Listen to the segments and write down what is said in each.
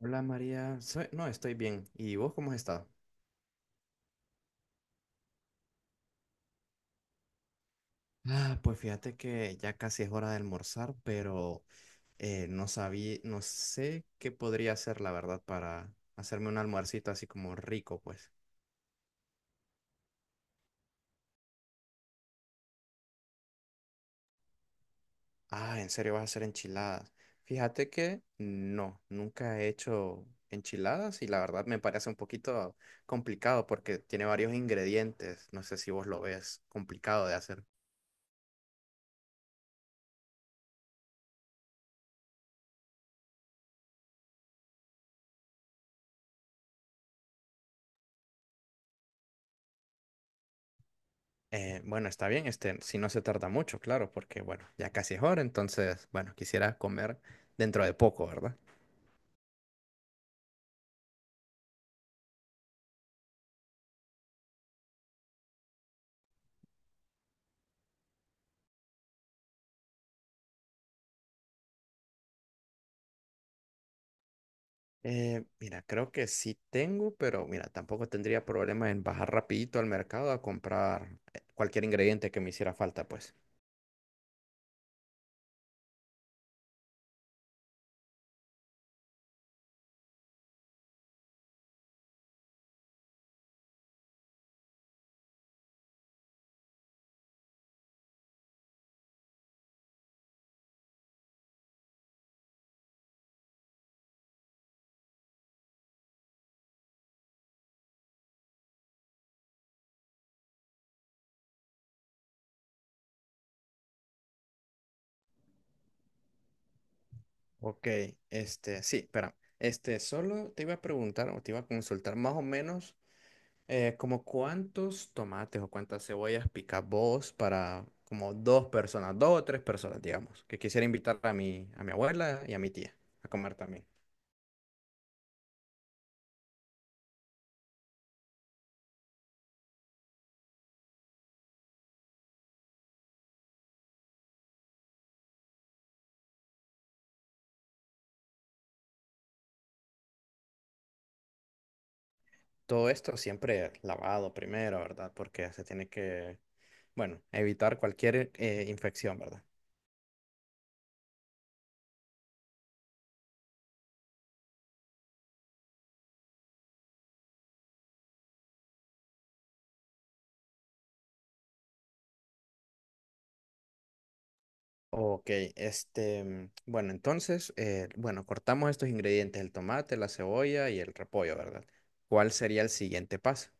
Hola María, no estoy bien. ¿Y vos cómo has estado? Ah, pues fíjate que ya casi es hora de almorzar, pero no sé qué podría hacer la verdad para hacerme un almuercito así como rico, pues. Ah, ¿en serio vas a hacer enchiladas? Fíjate que no, nunca he hecho enchiladas y la verdad me parece un poquito complicado porque tiene varios ingredientes. No sé si vos lo ves complicado de hacer. Bueno, está bien, este, si no se tarda mucho, claro, porque bueno, ya casi es hora, entonces, bueno, quisiera comer dentro de poco, ¿verdad? Mira, creo que sí tengo, pero mira, tampoco tendría problema en bajar rapidito al mercado a comprar cualquier ingrediente que me hiciera falta, pues. Ok, este, sí, espera. Este, solo te iba a preguntar o te iba a consultar más o menos. ¿Como cuántos tomates o cuántas cebollas picas vos para como dos personas, dos o tres personas, digamos, que quisiera invitar a a mi abuela y a mi tía a comer también? Todo esto siempre lavado primero, ¿verdad? Porque se tiene que, bueno, evitar cualquier infección, ¿verdad? Ok, este, bueno, entonces, bueno, cortamos estos ingredientes, el tomate, la cebolla y el repollo, ¿verdad? ¿Cuál sería el siguiente paso?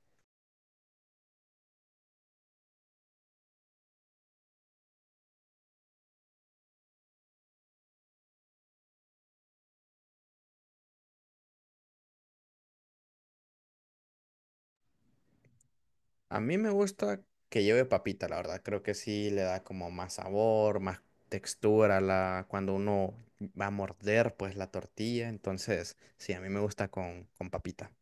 A mí me gusta que lleve papita, la verdad. Creo que sí le da como más sabor, más textura a la, cuando uno va a morder pues la tortilla. Entonces, sí, a mí me gusta con papita.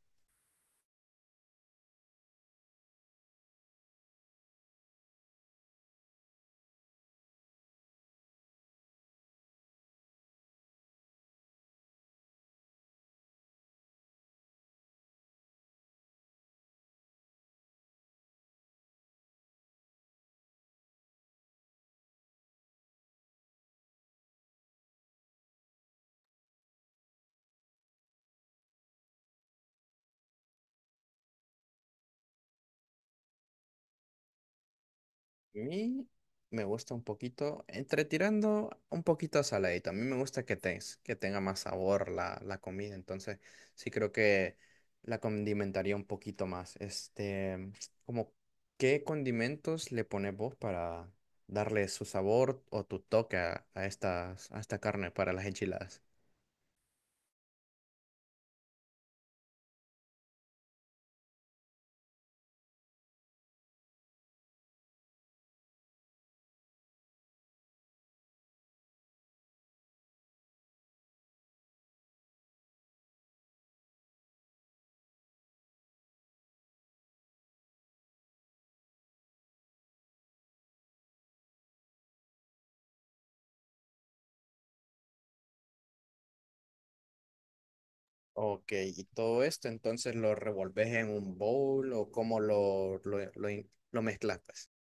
Mí me gusta un poquito, entre tirando un poquito a saladito. A mí me gusta que, que tenga más sabor la, la comida, entonces sí creo que la condimentaría un poquito más. Este, como, ¿qué condimentos le pones vos para darle su sabor o tu toque a estas, a esta carne para las enchiladas? Ok, y todo esto entonces lo revolves en un bowl o cómo lo mezclas, pues?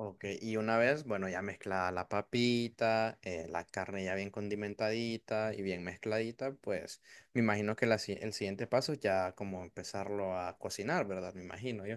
Ok, y una vez, bueno, ya mezclada la papita, la carne ya bien condimentadita y bien mezcladita, pues me imagino que la si- el siguiente paso ya como empezarlo a cocinar, ¿verdad? Me imagino yo.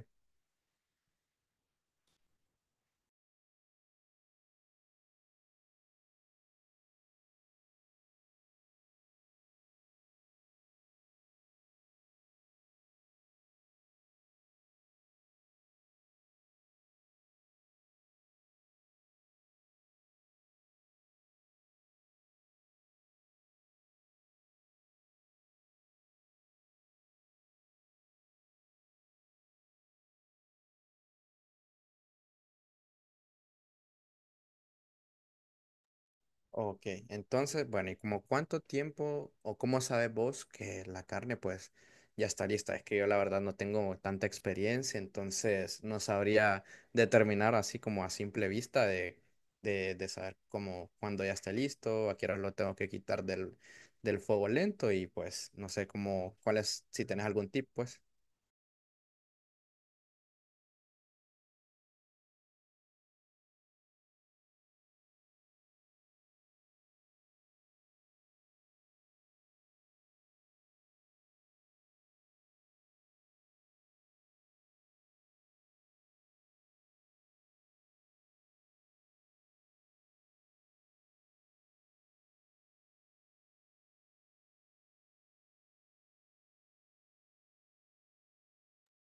Ok, entonces, bueno, ¿y como cuánto tiempo o cómo sabes vos que la carne pues ya está lista? Es que yo la verdad no tengo tanta experiencia, entonces no sabría determinar así como a simple vista de saber como cuándo ya está listo, a qué hora lo tengo que quitar del, del fuego lento y pues no sé cómo, cuál es, si tenés algún tip pues.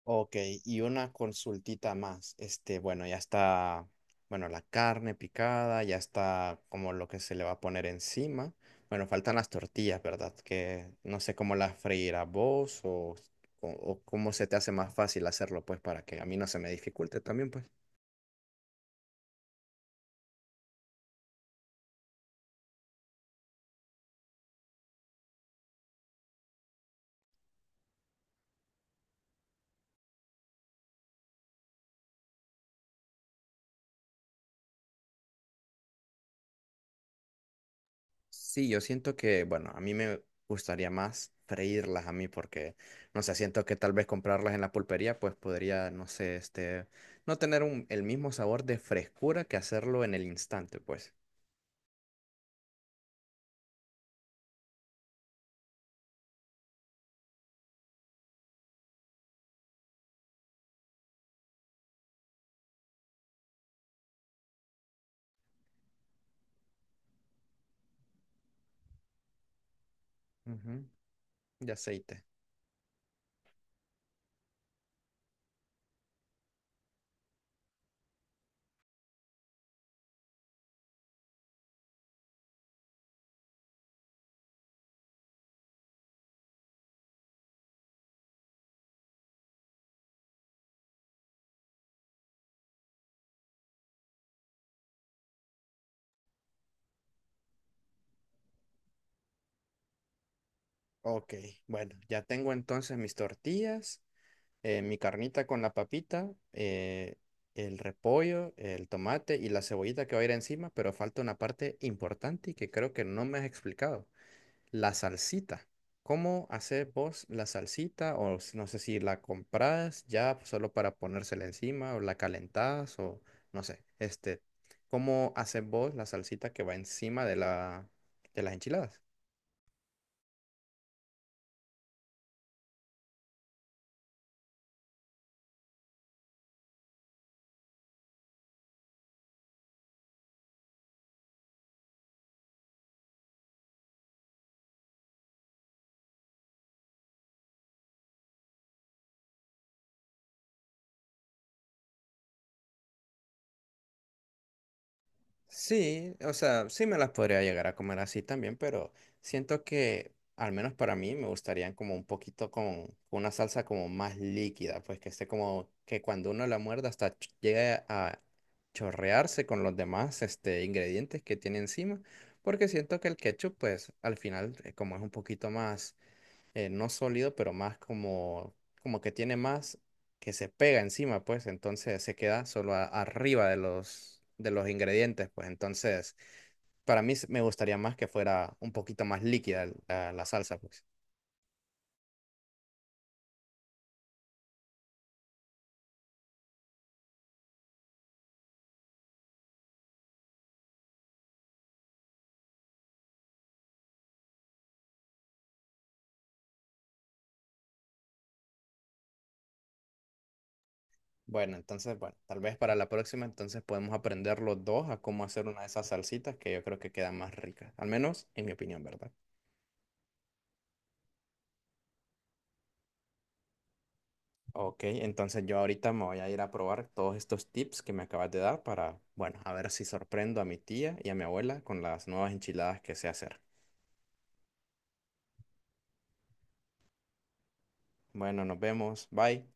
Ok, y una consultita más. Este, bueno, ya está, bueno, la carne picada, ya está como lo que se le va a poner encima. Bueno, faltan las tortillas, ¿verdad? Que no sé cómo las freirás vos o, cómo se te hace más fácil hacerlo, pues, para que a mí no se me dificulte también, pues. Sí, yo siento que, bueno, a mí me gustaría más freírlas a mí porque, no sé, siento que tal vez comprarlas en la pulpería, pues podría, no sé, este, no tener el mismo sabor de frescura que hacerlo en el instante, pues. Ujú. De aceite. Ok, bueno, ya tengo entonces mis tortillas, mi carnita con la papita, el repollo, el tomate y la cebollita que va a ir encima, pero falta una parte importante y que creo que no me has explicado. La salsita. ¿Cómo haces vos la salsita? No sé si la compras ya pues, solo para ponérsela encima o la calentás o no sé. Este, ¿cómo haces vos la salsita que va encima de la de las enchiladas? Sí, o sea, sí me las podría llegar a comer así también, pero siento que al menos para mí me gustarían como un poquito con una salsa como más líquida, pues que esté como que cuando uno la muerda hasta llegue a chorrearse con los demás este, ingredientes que tiene encima, porque siento que el ketchup pues al final como es un poquito más no sólido, pero más como, como que tiene más que se pega encima, pues entonces se queda solo arriba de los ingredientes, pues entonces para mí me gustaría más que fuera un poquito más líquida la, la salsa, pues. Bueno, entonces, bueno, tal vez para la próxima entonces podemos aprender los dos a cómo hacer una de esas salsitas que yo creo que quedan más ricas, al menos en mi opinión, ¿verdad? Ok, entonces yo ahorita me voy a ir a probar todos estos tips que me acabas de dar para, bueno, a ver si sorprendo a mi tía y a mi abuela con las nuevas enchiladas que sé hacer. Bueno, nos vemos. Bye.